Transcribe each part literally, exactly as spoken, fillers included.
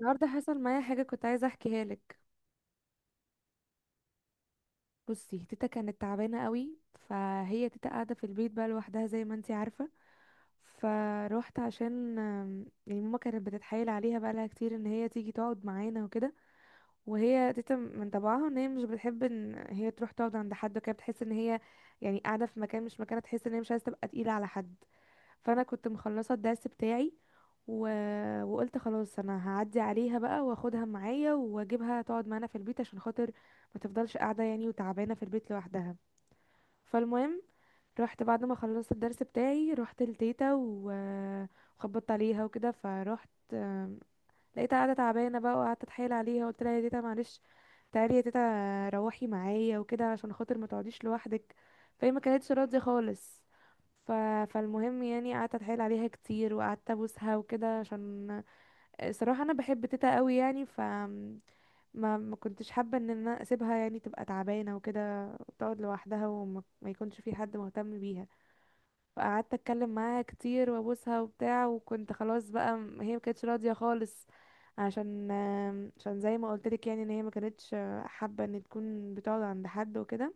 النهارده حصل معايا حاجه كنت عايزه احكيها لك. بصي، تيتا كانت تعبانه قوي. فهي تيتا قاعده في البيت بقى لوحدها زي ما انتي عارفه. فروحت عشان آم، يعني ماما كانت بتتحايل عليها بقى لها كتير ان هي تيجي تقعد معانا وكده. وهي تيتا من طبعها ان هي مش بتحب ان هي تروح تقعد عند حد وكده، بتحس ان هي يعني قاعده في مكان مش مكانها، تحس ان هي مش عايزه تبقى تقيله على حد. فانا كنت مخلصه الدرس بتاعي و... وقلت خلاص انا هعدي عليها بقى واخدها معايا واجيبها تقعد معانا في البيت عشان خاطر ما تفضلش قاعده يعني وتعبانه في البيت لوحدها. فالمهم، رحت بعد ما خلصت الدرس بتاعي، رحت لتيتا و- وخبطت عليها وكده، فرحت لقيتها قاعده تعبانه بقى، وقعدت اتحايل عليها، قلت لها يا تيتا معلش، تعالي يا تيتا، روحي معايا وكده عشان خاطر ما تقعديش لوحدك. فهي ما كانتش راضيه خالص. ف... فالمهم يعني قعدت اتحايل عليها كتير وقعدت ابوسها وكده، عشان الصراحه انا بحب تيتا قوي يعني. ف ما ما كنتش حابه ان انا اسيبها يعني تبقى تعبانه وكده وتقعد لوحدها وما ما يكونش في حد مهتم بيها. فقعدت اتكلم معاها كتير وابوسها وبتاع، وكنت خلاص بقى م- هي ما كانتش راضيه خالص عشان آم، عشان زي ما قلت لك يعني ان هي ما كانتش آه، حابه ان تكون بتقعد عند حد وكده.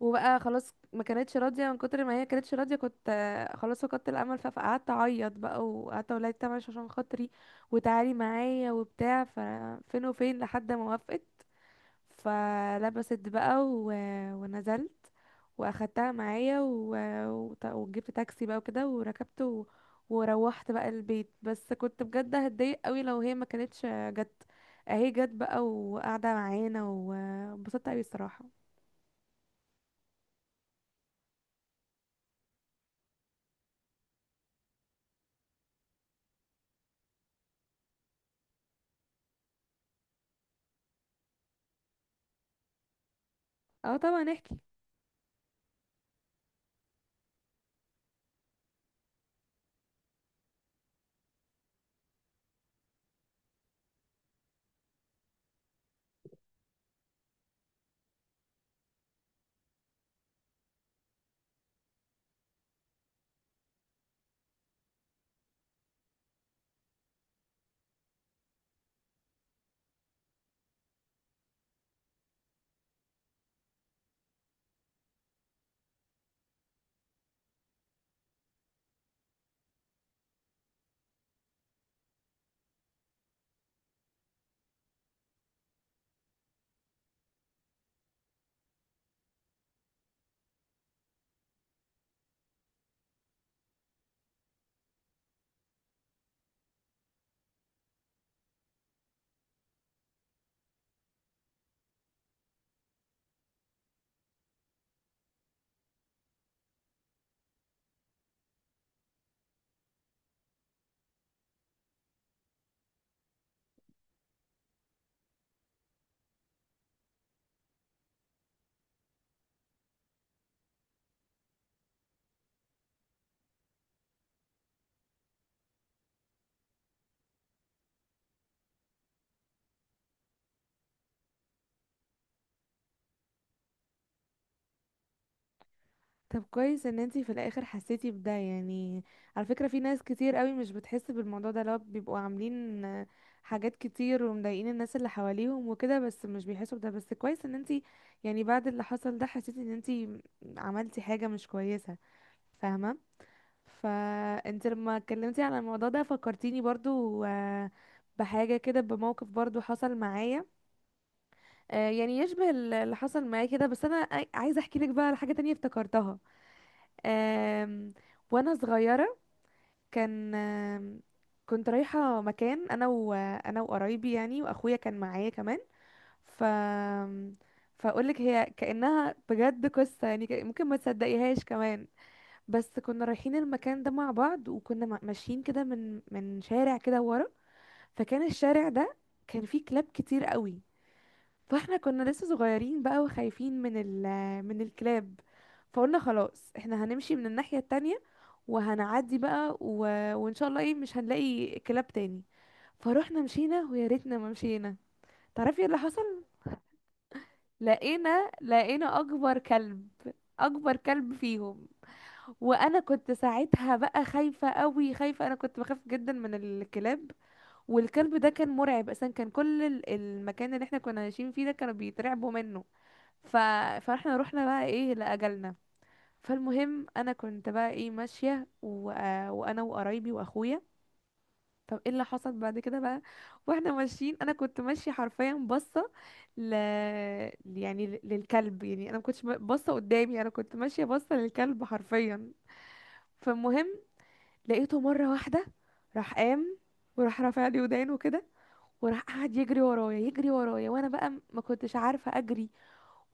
وبقى خلاص ما كانتش راضيه، من كتر ما هي كانتش راضيه كنت آه، خلاص فقدت الامل، فقعدت فقعدت اعيط بقى وقعدت اقول لها تمام عشان خاطري وتعالي معايا وبتاع. ففين وفين لحد ما وافقت. فلبست بقى و... ونزلت واخدتها معايا و... وت- وجبت تاكسي بقى وكده، وركبت و... وروحت بقى البيت. بس كنت بجد هتضايق قوي لو هي ما كانتش جت. اهي جت بقى وقاعده معانا وانبسطت قوي الصراحه. اه طبعا احكي. طب كويس ان انتي في الاخر حسيتي بده يعني. على فكرة في ناس كتير قوي مش بتحس بالموضوع ده، لو بيبقوا عاملين آه، حاجات كتير ومضايقين الناس اللي حواليهم وكده، بس مش بيحسوا بده. بس كويس ان انتي يعني بعد اللي حصل ده حسيتي ان انتي عملتي حاجة مش كويسة، فاهمة؟ فانت لما اتكلمتي على الموضوع ده فكرتيني برضو آه، بحاجة كده، بموقف برضو حصل معايا آه، يعني يشبه ال- اللي حصل معايا كده. بس انا عاي- عايزة احكي لك بقى على حاجة تانية افتكرتها. آم، وانا صغيره كان آم، كنت رايحه مكان انا وانا وقرايبي يعني، واخويا كان معايا كمان. ف فاقولك هي كانها بجد قصه يعني، ك- ممكن ما تصدقيهاش كمان. بس كنا رايحين المكان ده مع بعض، وكنا ما- ماشيين كده من من شارع كده ورا. فكان الشارع ده كان فيه كلاب كتير قوي. فاحنا كنا لسه صغيرين بقى وخايفين من ال من الكلاب. فقلنا خلاص احنا هنمشي من الناحيه التانية وهنعدي بقى و... وان شاء الله ايه مش هنلاقي كلاب تاني. فروحنا مشينا، ويا ريتنا ما مشينا. تعرفي ايه اللي حصل؟ لقينا لقينا اكبر كلب، اكبر كلب فيهم. وانا كنت ساعتها بقى خايفه قوي، خايفه، انا كنت بخاف جدا من الكلاب. والكلب ده كان مرعب اصلا، كان كل ال- المكان اللي احنا كنا عايشين فيه ده كانوا بيترعبوا منه. ف... فاحنا رحنا بقى ايه لاجلنا. فالمهم انا كنت بقى ايه ماشيه و... وانا وقرايبي واخويا. طب ايه اللي حصل بعد كده بقى. واحنا ماشيين انا كنت ماشيه حرفيا باصه ل... يعني ل- للكلب، يعني انا ما كنتش م- باصه قدامي، انا كنت ماشيه باصه للكلب حرفيا. فالمهم لقيته مره واحده راح قام وراح رافع لي ودانه كده، وراح قعد يجري ورايا، يجري ورايا، وانا بقى م- ما كنتش عارفه اجري.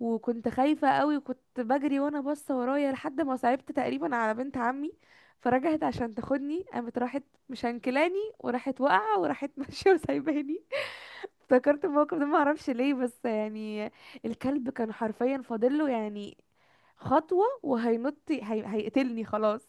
وكنت خايفة قوي، وكنت بجري وانا باصة ورايا، لحد ما صعبت تقريبا على بنت عمي فرجعت عشان تاخدني، قامت راحت مشنكلاني، وراحت واقعة وراحت ماشية وسايباني. افتكرت الموقف ده ما اعرفش ليه، بس يعني الكلب كان حرفيا فاضله يعني خطوة وهينط، هي... هيقتلني خلاص.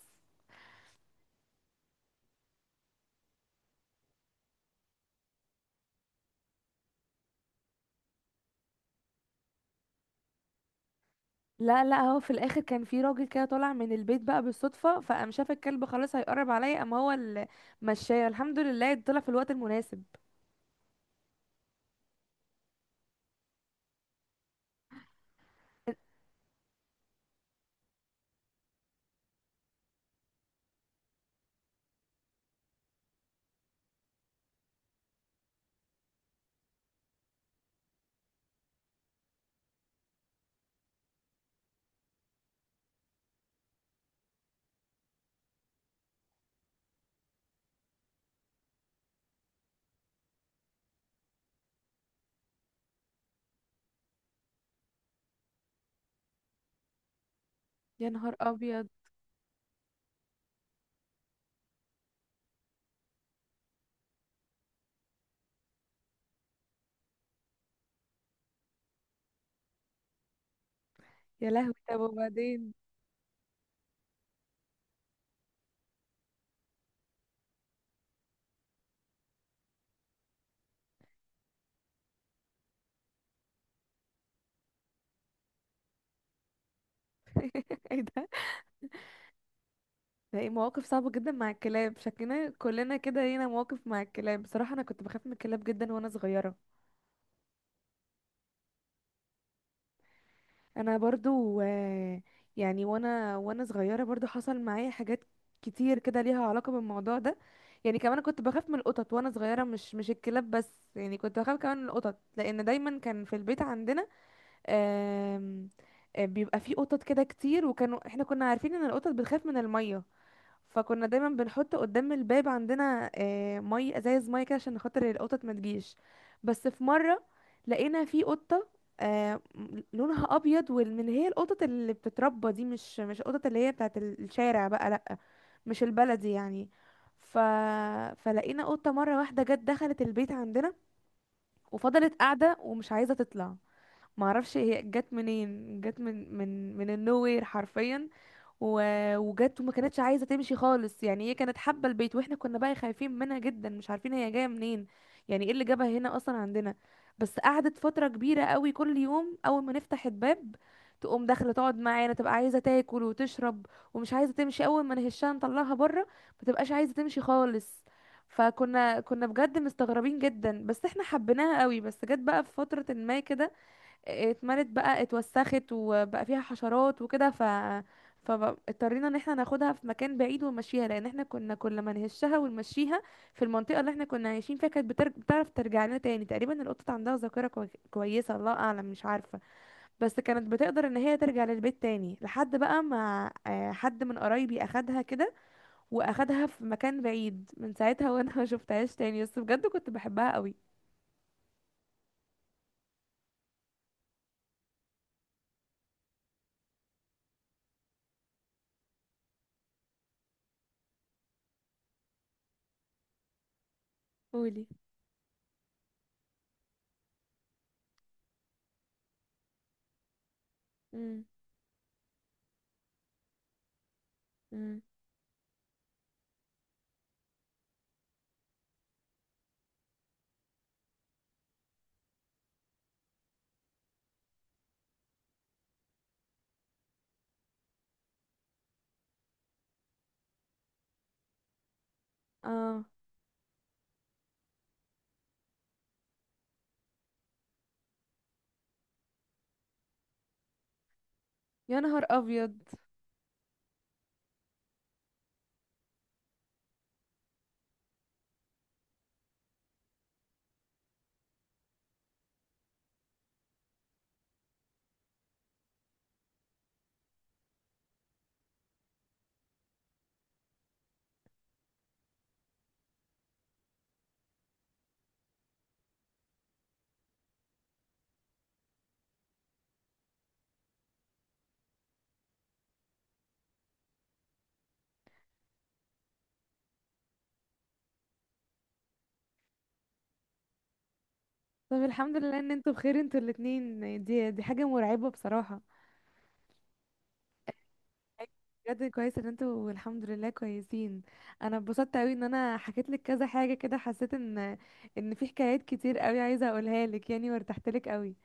لا لا، هو في الاخر كان في راجل كده طالع من البيت بقى بالصدفة، فقام شاف الكلب خلاص هيقرب عليا، قام هو اللي مشاه، الحمد لله طلع في الوقت المناسب. يا نهار ابيض. يا لهوي طب وبعدين. ايه ده؟ ده ايه مواقف صعبة جدا مع الكلاب، شكلنا كلنا كده لينا مواقف مع الكلاب. بصراحة انا كنت بخاف من الكلاب جدا وانا صغيرة. انا برضو آه، يعني وانا وانا صغيرة برضو حصل معايا حاجات كتير كده ليها علاقة بالموضوع ده. يعني كمان كنت بخاف من القطط وانا صغيرة، مش مش الكلاب بس يعني، كنت بخاف كمان من القطط، لان دايما كان في البيت عندنا آم، آه، بيبقى فيه قطط كده كتير، وكانوا احنا كنا عارفين ان القطط بتخاف من المية. فكنا دايما بنحط قدام الباب عندنا آه، مي، ازايز مي كده عشان خاطر القطط ما تجيش. بس في مره لقينا في قطه آه، م- لونها ابيض، واللي هي القطط اللي بتتربى دي، مش مش القطط اللي هي بتاعت ال- الشارع بقى، لا مش البلدي يعني. ف... فلقينا قطه مره واحده جت دخلت البيت عندنا، وفضلت قاعده ومش عايزه تطلع. معرفش هي جت منين، جت من من من النوير حرفيا. و- وجت وما كانتش عايزه تمشي خالص يعني، هي كانت حابه البيت، واحنا كنا بقى خايفين منها جدا، مش عارفين هي جايه منين، يعني ايه اللي جابها هنا اصلا عندنا. بس قعدت فتره كبيره قوي، كل يوم اول ما نفتح الباب تقوم داخله تقعد معانا، تبقى عايزه تاكل وتشرب، ومش عايزه تمشي. اول ما نهشها نطلعها بره ما تبقاش عايزه تمشي خالص. فكنا كنا بجد مستغربين جدا، بس احنا حبيناها قوي. بس جت بقى في فتره ما كده، اتملت بقى اتوسخت وبقى فيها حشرات وكده، ف فاضطرينا ان احنا ناخدها في مكان بعيد ونمشيها، لان احنا كنا كل ما نهشها ونمشيها في المنطقه اللي احنا كنا عايشين فيها كانت بتر... بتعرف ترجع لنا تاني. تقريبا القطط عندها ذاكره كوي... كويسه، الله اعلم مش عارفه. بس كانت بتقدر ان هي ترجع للبيت تاني، لحد بقى ما آه، حد من قرايبي اخدها كده، واخدها في مكان بعيد. من ساعتها وانا ما شفتهاش تاني، بس بجد كنت بحبها قوي. قولي. امم. امم. اه. يا نهار ابيض. طب الحمد لله ان انتوا بخير، انتوا الاتنين، دي دي حاجة مرعبة بصراحة. حاجة، بجد كويس ان انتوا الحمد لله كويسين. انا اتبسطت قوي ان انا حكيت لك كذا حاجة كده، حسيت ان ان في حكايات كتير قوي عايزة اقولها لك يعني، وارتحت لك قوي.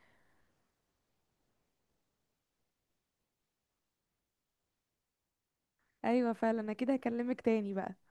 ايوه فعلا، انا كده هكلمك تاني بقى.